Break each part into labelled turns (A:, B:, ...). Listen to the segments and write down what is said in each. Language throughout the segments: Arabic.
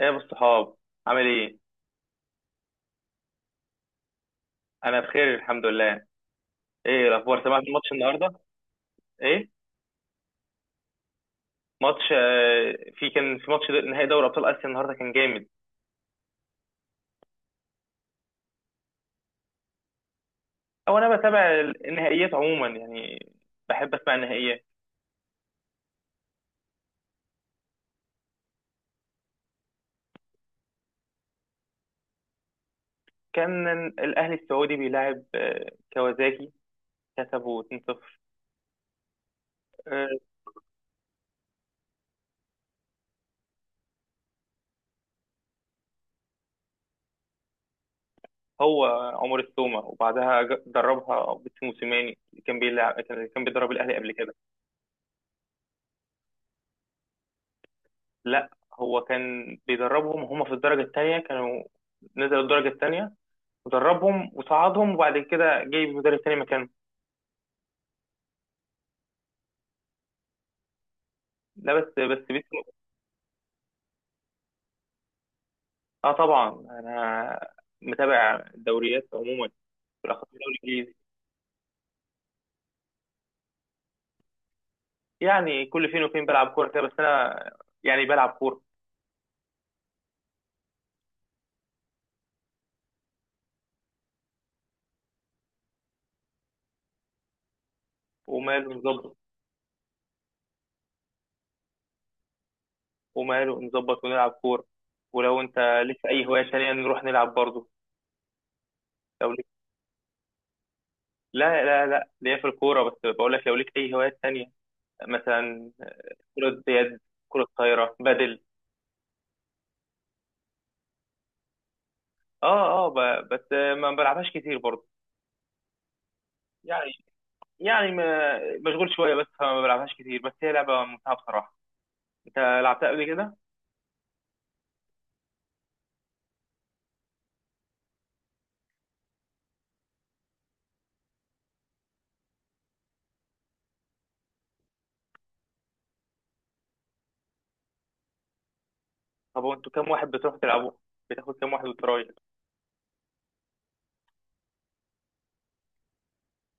A: ايه يا ابو الصحاب، عامل ايه؟ انا بخير الحمد لله. ايه الاخبار، سمعت الماتش النهارده؟ ايه؟ ماتش، في ماتش نهائي دوري ابطال اسيا النهارده، كان جامد. او انا بتابع النهائيات عموما يعني، بحب اسمع النهائيات. كان الاهلي السعودي بيلاعب كوازاكي، كسبوا 2-0. آه، هو عمر السومة، وبعدها دربها عبد موسيماني اللي كان بيلعب، كان بيدرب الاهلي قبل كده. لا، هو كان بيدربهم هم في الدرجه الثانيه، كانوا نزلوا الدرجه الثانيه ودربهم وصعدهم، وبعد كده جايب مدرب تاني مكانه. لا بس بيتلو. اه طبعا، انا متابع الدوريات عموما، بالاخص الدوري الانجليزي. يعني كل فين وفين بلعب كوره كده، بس انا يعني بلعب كوره. وماله نظبط. وماله نظبط ونلعب كوره. ولو انت ليك في اي هوايه تانية نروح نلعب برضه. لو ليك، لا لا لا، ليا في الكوره، بس بقول لك لو ليك اي هوايات تانية، مثلا كرة يد، كرة طايرة، بدل. اه اه، بس ما بلعبهاش كتير برضه. يعني يعني مشغول شويه، بس فما بلعبهاش كتير، بس هي لعبه ممتعه بصراحه. انت لعبتها قبل كده؟ طب وانتوا كام واحد بتروحوا تلعبوا؟ بتاخد كام واحد وترايح؟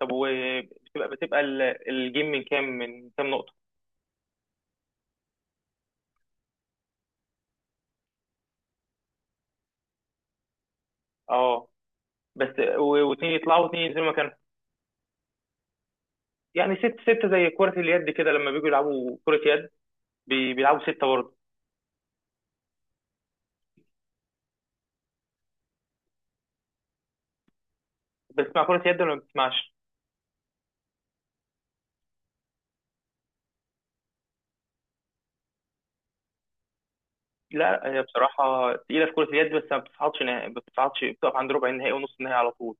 A: طب وبتبقى الجيم من كام نقطه؟ اه، بس واثنين يطلعوا واثنين ينزلوا مكانهم. يعني ستة زي كرة اليد كده، لما بيجوا يلعبوا كرة يد بيلعبوا ستة برضه. بتسمع كرة يد ولا ما بتسمعش؟ لا هي بصراحة تقيلة في كرة اليد، بس ما بتصعدش نهائي، ما بتصعدش، بتقف عند ربع النهائي ونص النهائي على طول.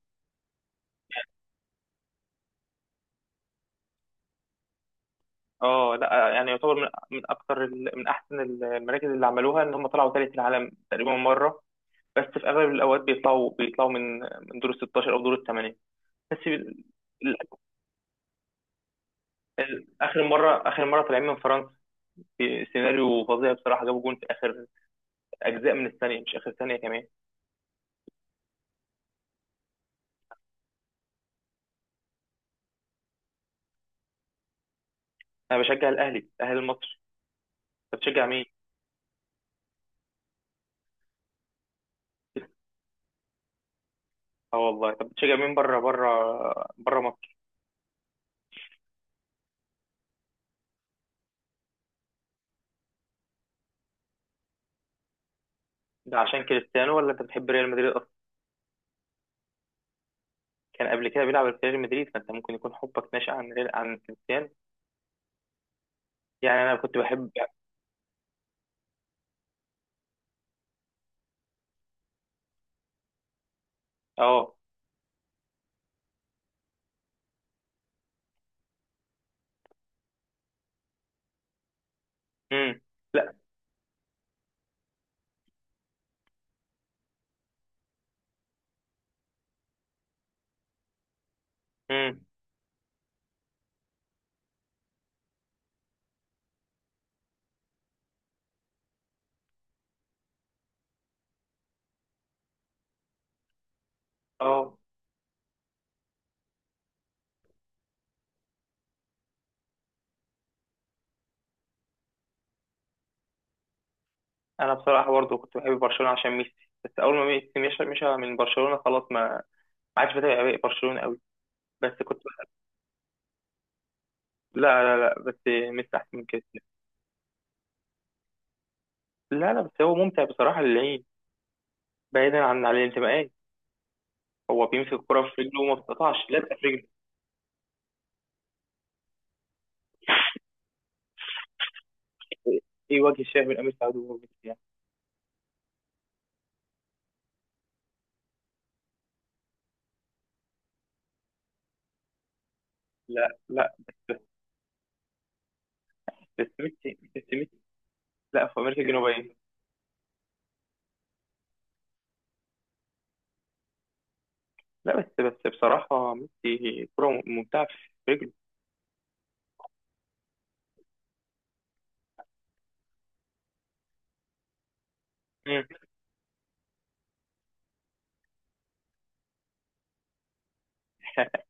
A: اه، لا يعني يعتبر من اكتر من احسن المراكز اللي عملوها، ان هم طلعوا ثالث العالم تقريبا مره. بس في اغلب الاوقات بيطلعوا من دور ال 16، او دور الثمانيه. بس اخر مره، اخر مره طالعين من فرنسا، في سيناريو فظيع بصراحه، جابوا جون في اخر اجزاء من الثانيه، مش اخر ثانيه كمان. انا بشجع الاهلي، الاهلي المصري. انت بتشجع مين؟ اه والله. طب بتشجع مين بره، بره، بره مصر؟ ده عشان كريستيانو، ولا انت بتحب ريال مدريد اصلا؟ كان قبل كده بيلعب في ريال مدريد، فانت ممكن يكون حبك ناشئ عن ريال، عن كريستيانو. يعني انا كنت بحب. اه. امم. لا. امم. اه، انا بصراحه برضو كنت بحب برشلونه عشان ميسي، بس اول ما ميسي مشى، مشى من برشلونه، خلاص ما عادش بتابع بقى برشلونه قوي. بس كنت. لا لا لا، بس ميسي احسن من كده. لا لا، بس هو ممتع بصراحه للعين، بعيدا عن الانتماءات. هو بيمسك الكره في رجله، وما بتقطعش لا في رجله. ايه؟ إيه وجه الشاه من امير سعود وهو ميسي يعني؟ لا لا، بس. بس ميسي. لا، في امريكا الجنوبيه. لا بس بصراحه ميسي كره ممتعه في رجله. مم.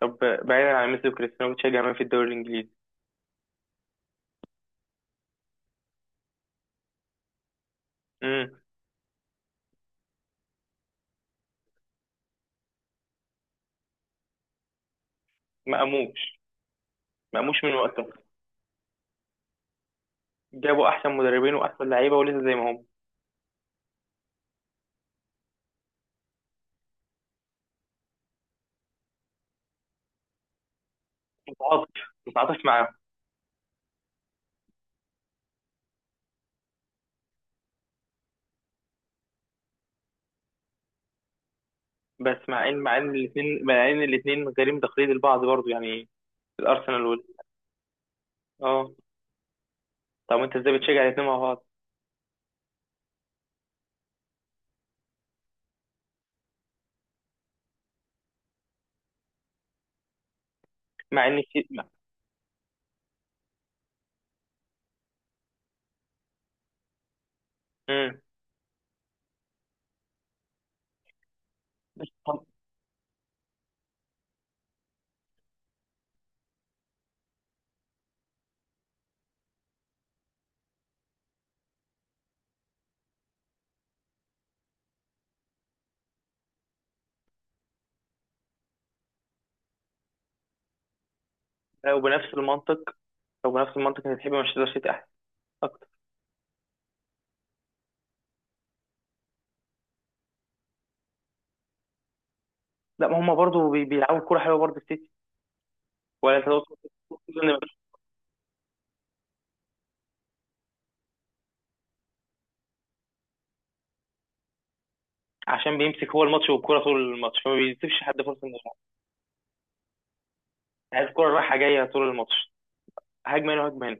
A: طب، بعيدا عن ميسي وكريستيانو، بتشجع مين في الدوري الانجليزي؟ امم. ما قاموش. ما قاموش من وقتها، جابوا احسن مدربين واحسن لعيبه، ولسه زي ما هم. متعاطف متعاطف معاهم. بس مع ان الاثنين غريم تقليد البعض برضو يعني، الارسنال وال. اه. طب انت ازاي بتشجع الاثنين مع بعض؟ مع ان في. امم. بس طب. لو بنفس المنطق لو بنفس المنطق انت تحب مانشستر سيتي احسن، اكتر. لا، ما هم برضو بيلعبوا كوره حلوه برضو، السيتي. ولا انت تقصد؟ عشان بيمسك هو الماتش والكرة طول الماتش، فما بيسيبش حد فرصة انه يلعب. عايز الكرة رايحة جاية طول الماتش، هجمة هنا هجمة هنا.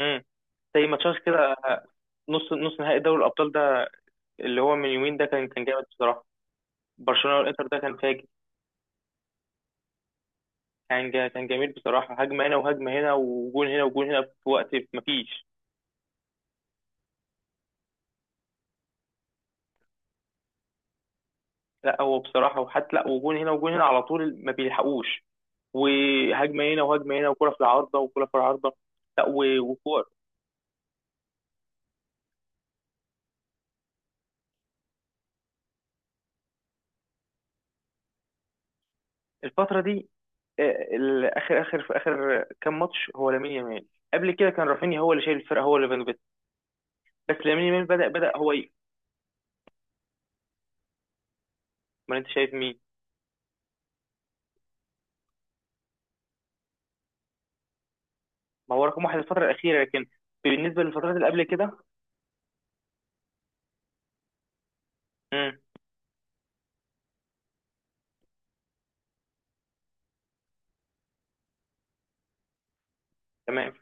A: امم. زي ماتشات كده، نص نهائي دوري الأبطال ده، اللي هو من يومين ده، كان جامد بصراحة. برشلونة والإنتر ده كان فاجر. كان جميل بصراحة، هجمة هنا وهجمة هنا، وجون هنا وجون هنا في وقت مفيش. لا هو بصراحة، وحتى لا، وجون هنا وجون هنا على طول، ما بيلحقوش. وهجمة هنا وهجمة هنا، وكرة في العارضة وكرة في العارضة. لا وكور. الفترة دي، اخر اخر في اخر كام ماتش هو لامين يامال. قبل كده كان رافينيا هو اللي شايل الفرقه، هو اللي بنبت. بس لامين يامال بدا هو امال انت شايف مين؟ ما هو رقم واحد الفتره الاخيره، لكن بالنسبه للفترات اللي قبل كده. امم. تمام.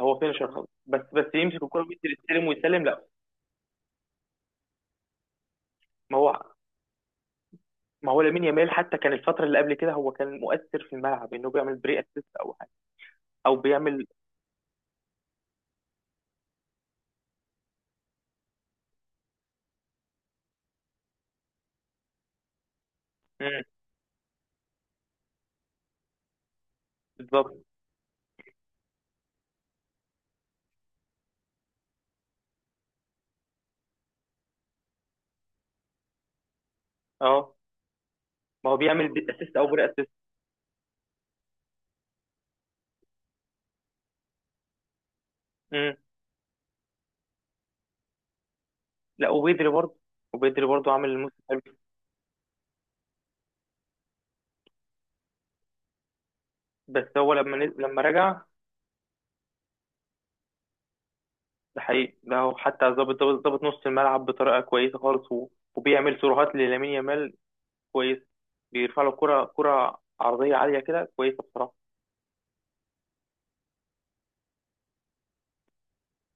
A: هو فينشر خالص، بس يمسك الكوره وينزل يستلم ويسلم، لا. ما هو ما هو لامين يامال حتى كان الفتره اللي قبل كده، هو كان مؤثر في الملعب، انه بيعمل بري اسيست او حاجه، او بيعمل. امم. بالظبط. اه. ما هو بيعمل اسيست او بري اسيست. امم. لا، وبيدري برضه عامل الموسم. بس هو لما رجع. ده حقيقي، ده هو حتى ظابط نص الملعب بطريقه كويسه خالص، وبيعمل سيروهات للامين يامال. كويس. بيرفع له كره عرضيه عاليه كده، كويسه بصراحه.